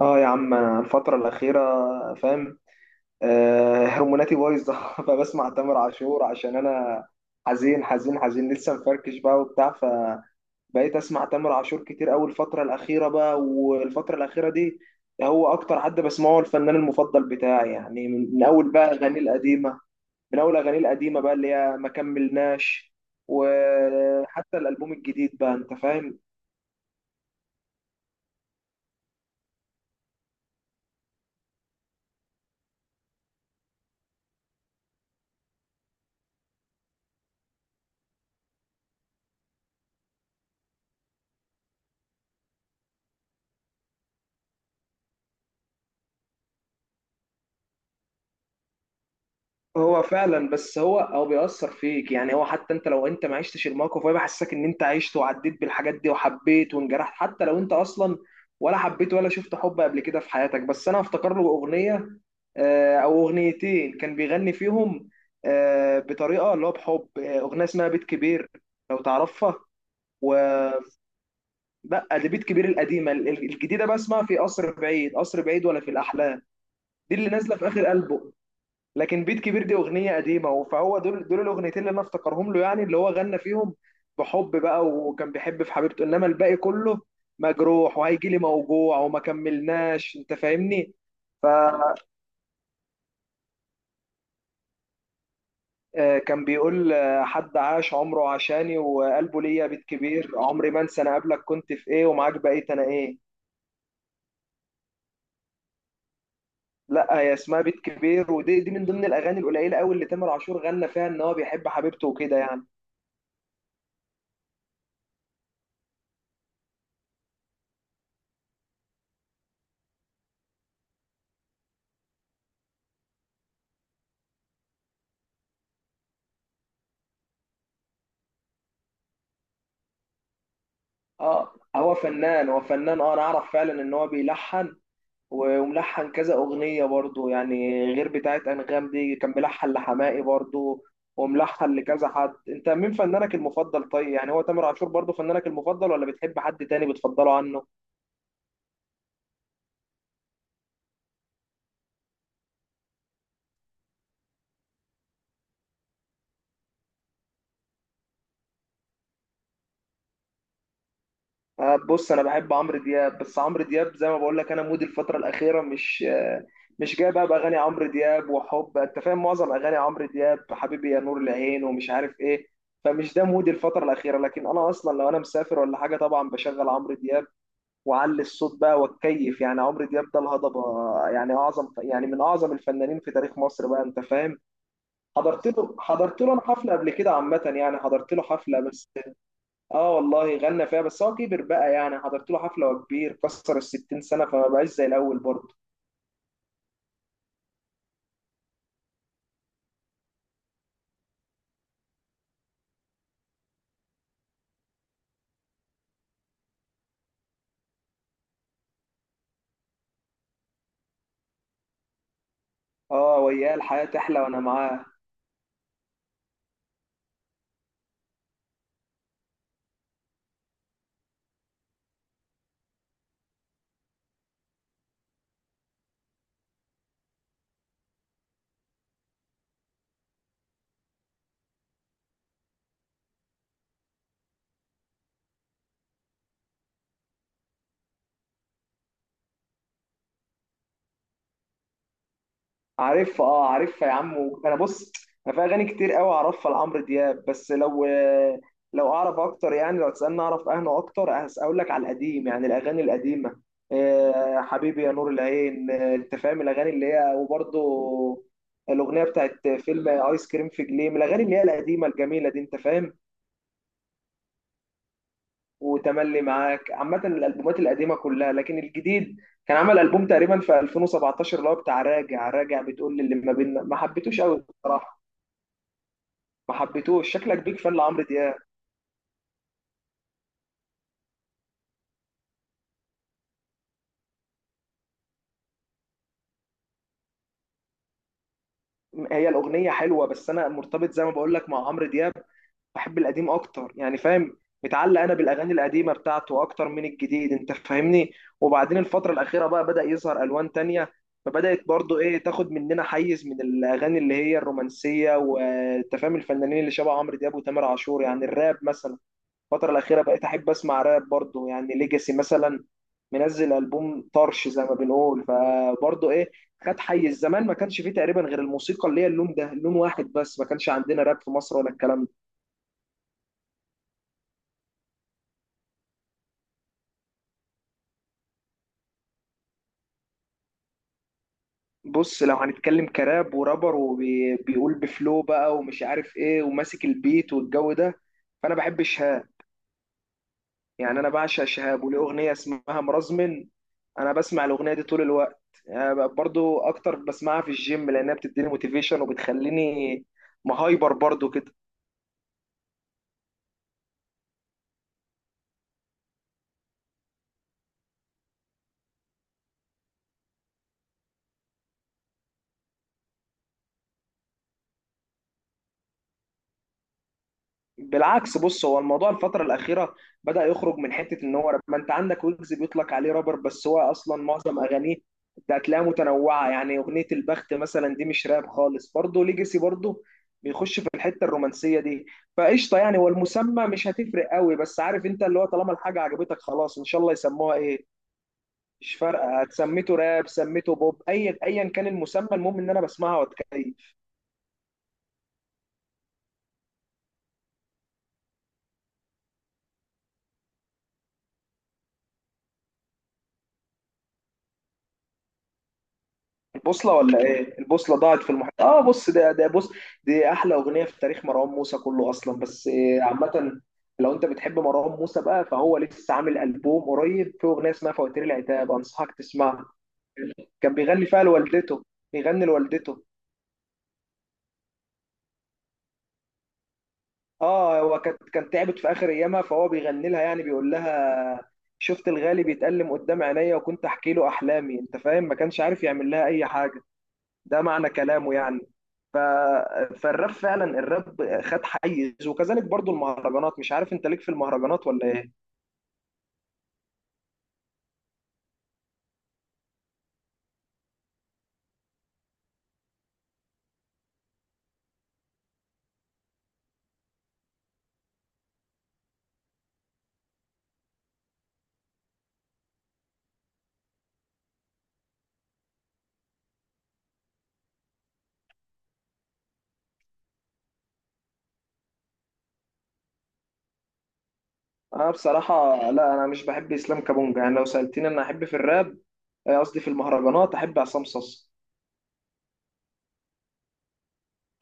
اه يا عم، انا الفترة الأخيرة فاهم، هرموناتي بايظة فبسمع تامر عاشور عشان انا حزين حزين حزين لسه مفركش بقى وبتاع. فبقيت اسمع تامر عاشور كتير أوي الفترة الأخيرة بقى، والفترة الأخيرة دي هو اكتر حد بسمعه، الفنان المفضل بتاعي يعني من اول بقى اغانيه القديمة. من اول اغانيه القديمة بقى اللي هي ما كملناش، وحتى الألبوم الجديد بقى انت فاهم. هو فعلا، بس هو بيأثر فيك، يعني هو حتى انت لو انت ما عشتش الموقف هو بيحسسك ان انت عشت وعديت بالحاجات دي وحبيت وانجرحت، حتى لو انت اصلا ولا حبيت ولا شفت حب قبل كده في حياتك. بس انا افتكر له اغنية، او اغنيتين كان بيغني فيهم، بطريقة اللي هو بحب، اغنية اسمها بيت كبير، لو تعرفها. و لا، دي بيت كبير القديمة، الجديدة بقى اسمها في قصر بعيد، قصر بعيد ولا في الأحلام. دي اللي نازلة في آخر ألبوم، لكن بيت كبير دي اغنيه قديمه، فهو دول الاغنيتين اللي انا افتكرهم له، يعني اللي هو غنى فيهم بحب بقى، وكان بيحب في حبيبته، انما الباقي كله مجروح وهيجي لي موجوع وما كملناش انت فاهمني. فكان بيقول حد عاش عمره عشاني وقلبه ليا بيت كبير، عمري ما انسى انا قبلك كنت في ايه ومعاك بقيت انا ايه. لا، هي اسمها بيت كبير، ودي من ضمن الاغاني القليله قوي اللي تامر عاشور غنى فيها ان هو بيحب حبيبته وكده يعني. اه، هو فنان، اه انا اعرف فعلا ان هو بيلحن، وملحن كذا اغنيه برضو، يعني غير بتاعت انغام دي كان بيلحن لحماقي برضو، وملحن لكذا حد. انت مين فنانك المفضل؟ طيب يعني هو تامر عاشور برضو فنانك المفضل، ولا بتحب حد تاني بتفضله عنه؟ بص، انا بحب عمرو دياب، بس عمرو دياب زي ما بقول لك انا مودي الفتره الاخيره مش مش جاي بقى باغاني عمرو دياب وحب، انت فاهم، معظم اغاني عمرو دياب حبيبي يا نور العين ومش عارف ايه. فمش ده مودي الفتره الاخيره، لكن انا اصلا لو انا مسافر ولا حاجه طبعا بشغل عمرو دياب واعلي الصوت بقى واتكيف. يعني عمرو دياب ده الهضبه، يعني اعظم يعني من اعظم الفنانين في تاريخ مصر بقى انت فاهم. حضرت له انا حفله قبل كده عامه، يعني حضرت له حفله، بس اه والله غنى فيها، بس هو كبر بقى، يعني حضرت له حفله وهو كبير، كسر ال 60 سنه، فما بقاش زي الاول برضه. اه وياه الحياه تحلى وانا معاه. عارف، اه عارفها يا عم. انا بص، انا في اغاني كتير قوي اعرفها لعمرو دياب، بس لو اعرف اكتر يعني، لو تسالني اعرف اهنا اكتر اقول لك على القديم، يعني الاغاني القديمه، آه حبيبي يا نور العين، انت فاهم الاغاني اللي هي، وبرضه الاغنيه بتاعت فيلم ايس كريم في جليم، الاغاني اللي هي القديمه الجميله دي انت فاهم. وتملي معاك، عامة الألبومات القديمة كلها، لكن الجديد كان عمل ألبوم تقريبا في 2017 اللي هو بتاع راجع راجع، بتقول للي ما بيننا، ما حبيتوش قوي بصراحة، ما حبيتوش، شكلك بيك فان لعمرو دياب. هي الأغنية حلوة، بس أنا مرتبط زي ما بقول لك مع عمرو دياب بحب القديم اكتر يعني، فاهم؟ متعلق انا بالاغاني القديمه بتاعته اكتر من الجديد انت فاهمني. وبعدين الفتره الاخيره بقى بدا يظهر الوان تانية، فبدات برضو ايه تاخد مننا حيز من الاغاني اللي هي الرومانسيه، وانت فاهم الفنانين اللي شبه عمرو دياب وتامر عاشور، يعني الراب مثلا. الفتره الاخيره بقيت احب اسمع راب برضو، يعني ليجاسي مثلا، منزل البوم طرش زي ما بنقول، فبرضو ايه خد حيز. زمان ما كانش فيه تقريبا غير الموسيقى اللي هي اللون ده، لون واحد بس، ما كانش عندنا راب في مصر ولا الكلام. بص، لو هنتكلم كراب ورابر وبيقول بفلو بقى ومش عارف ايه وماسك البيت والجو ده، فانا بحب شهاب. يعني انا بعشق شهاب وليه اغنيه اسمها مرزمن، انا بسمع الاغنيه دي طول الوقت يعني، برضو اكتر بسمعها في الجيم لانها بتديني موتيفيشن وبتخليني مهايبر برضو كده. بالعكس، بص، هو الموضوع الفترة الأخيرة بدأ يخرج من حتة إن هو راب، ما أنت عندك ويجز بيطلق عليه رابر، بس هو أصلا معظم أغانيه أنت هتلاقيها متنوعة. يعني أغنية البخت مثلا دي مش راب خالص، برضه ليجاسي برضه بيخش في الحتة الرومانسية دي. فقشطة يعني، والمسمى مش هتفرق قوي، بس عارف أنت اللي هو طالما الحاجة عجبتك خلاص إن شاء الله يسموها إيه. مش فارقة، سميته راب سميته بوب، أي أيا كان المسمى المهم إن أنا بسمعها وأتكيف. البوصلة ولا ايه؟ البوصلة ضاعت في المحيط. اه بص، ده بص، دي احلى اغنية في تاريخ مروان موسى كله اصلا، بس عامة لو انت بتحب مروان موسى بقى فهو لسه عامل ألبوم قريب، فيه اغنية اسمها فواتير العتاب، انصحك تسمعها. كان بيغني فيها لوالدته، بيغني لوالدته. اه، هو كان تعبت في اخر ايامها فهو بيغني لها، يعني بيقول لها شفت الغالي بيتألم قدام عينيا وكنت احكي له احلامي، انت فاهم، ما كانش عارف يعمل لها اي حاجة. ده معنى كلامه يعني. ف... فالراب فعلا، الراب خد حيز، وكذلك برضو المهرجانات. مش عارف انت ليك في المهرجانات ولا ايه. انا بصراحة لا، انا مش بحب اسلام كابونجا. يعني لو سألتني انا احب في الراب قصدي في المهرجانات، احب عصام صاصا.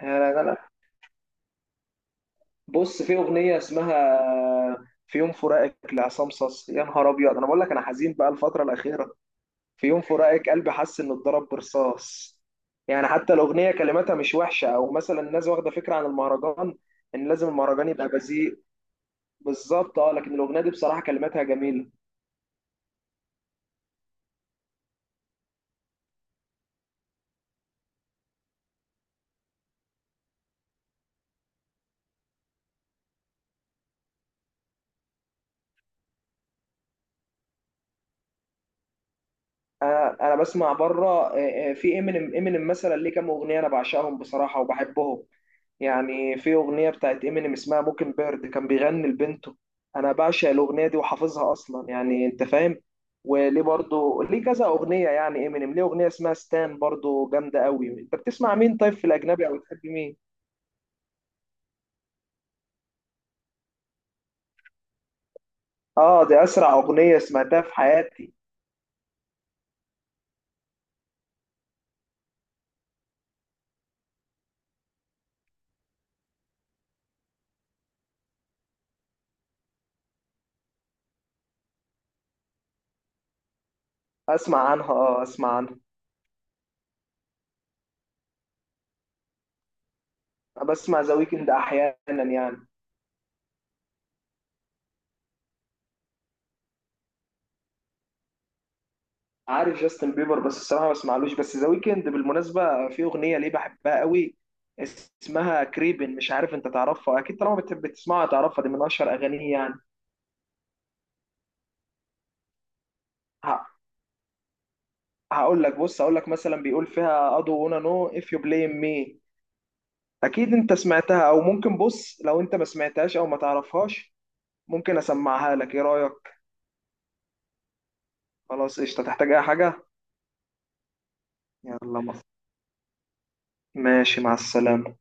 يعني انا، بص، في اغنية اسمها في يوم فراقك لعصام صاصا، يا نهار ابيض، انا بقول لك انا حزين بقى الفترة الأخيرة. في يوم فراقك قلبي حس انه اتضرب برصاص. يعني حتى الاغنيه كلماتها مش وحشه، او مثلا الناس واخده فكره عن المهرجان ان لازم المهرجان يبقى بذيء. بالظبط، اه، لكن الاغنيه دي بصراحه كلماتها جميله. انا بسمع بره، في امينيم، امينيم مثلا ليه كام اغنيه انا بعشقهم بصراحه وبحبهم. يعني في اغنيه بتاعت امينيم اسمها موكن بيرد كان بيغني لبنته، انا بعشق الاغنيه دي وحافظها اصلا يعني، انت فاهم. وليه برضو كذا اغنيه، يعني امينيم ليه اغنيه اسمها ستان برضو جامده قوي. انت بتسمع مين طيب في الاجنبي، او بتحب مين؟ اه دي اسرع اغنيه سمعتها في حياتي. اسمع عنها، اه اسمع عنها. بسمع ذا ويكند احيانا يعني. عارف جاستن بيبر بس الصراحه ما بسمعلوش، بس ذا ويكند بالمناسبه في اغنيه ليه بحبها قوي، اسمها كريبن، مش عارف انت تعرفها، اكيد طالما بتسمعها تعرفها، دي من اشهر اغانيه يعني. ه- هقول لك، بص هقول لك مثلا بيقول فيها ادو انا نو اف يو بلاي مي. اكيد انت سمعتها، او ممكن بص، لو انت ما سمعتهاش او ما تعرفهاش ممكن اسمعها لك، ايه رايك؟ خلاص قشطه. تحتاج اي حاجه؟ يلا مصر. ماشي، مع السلامه.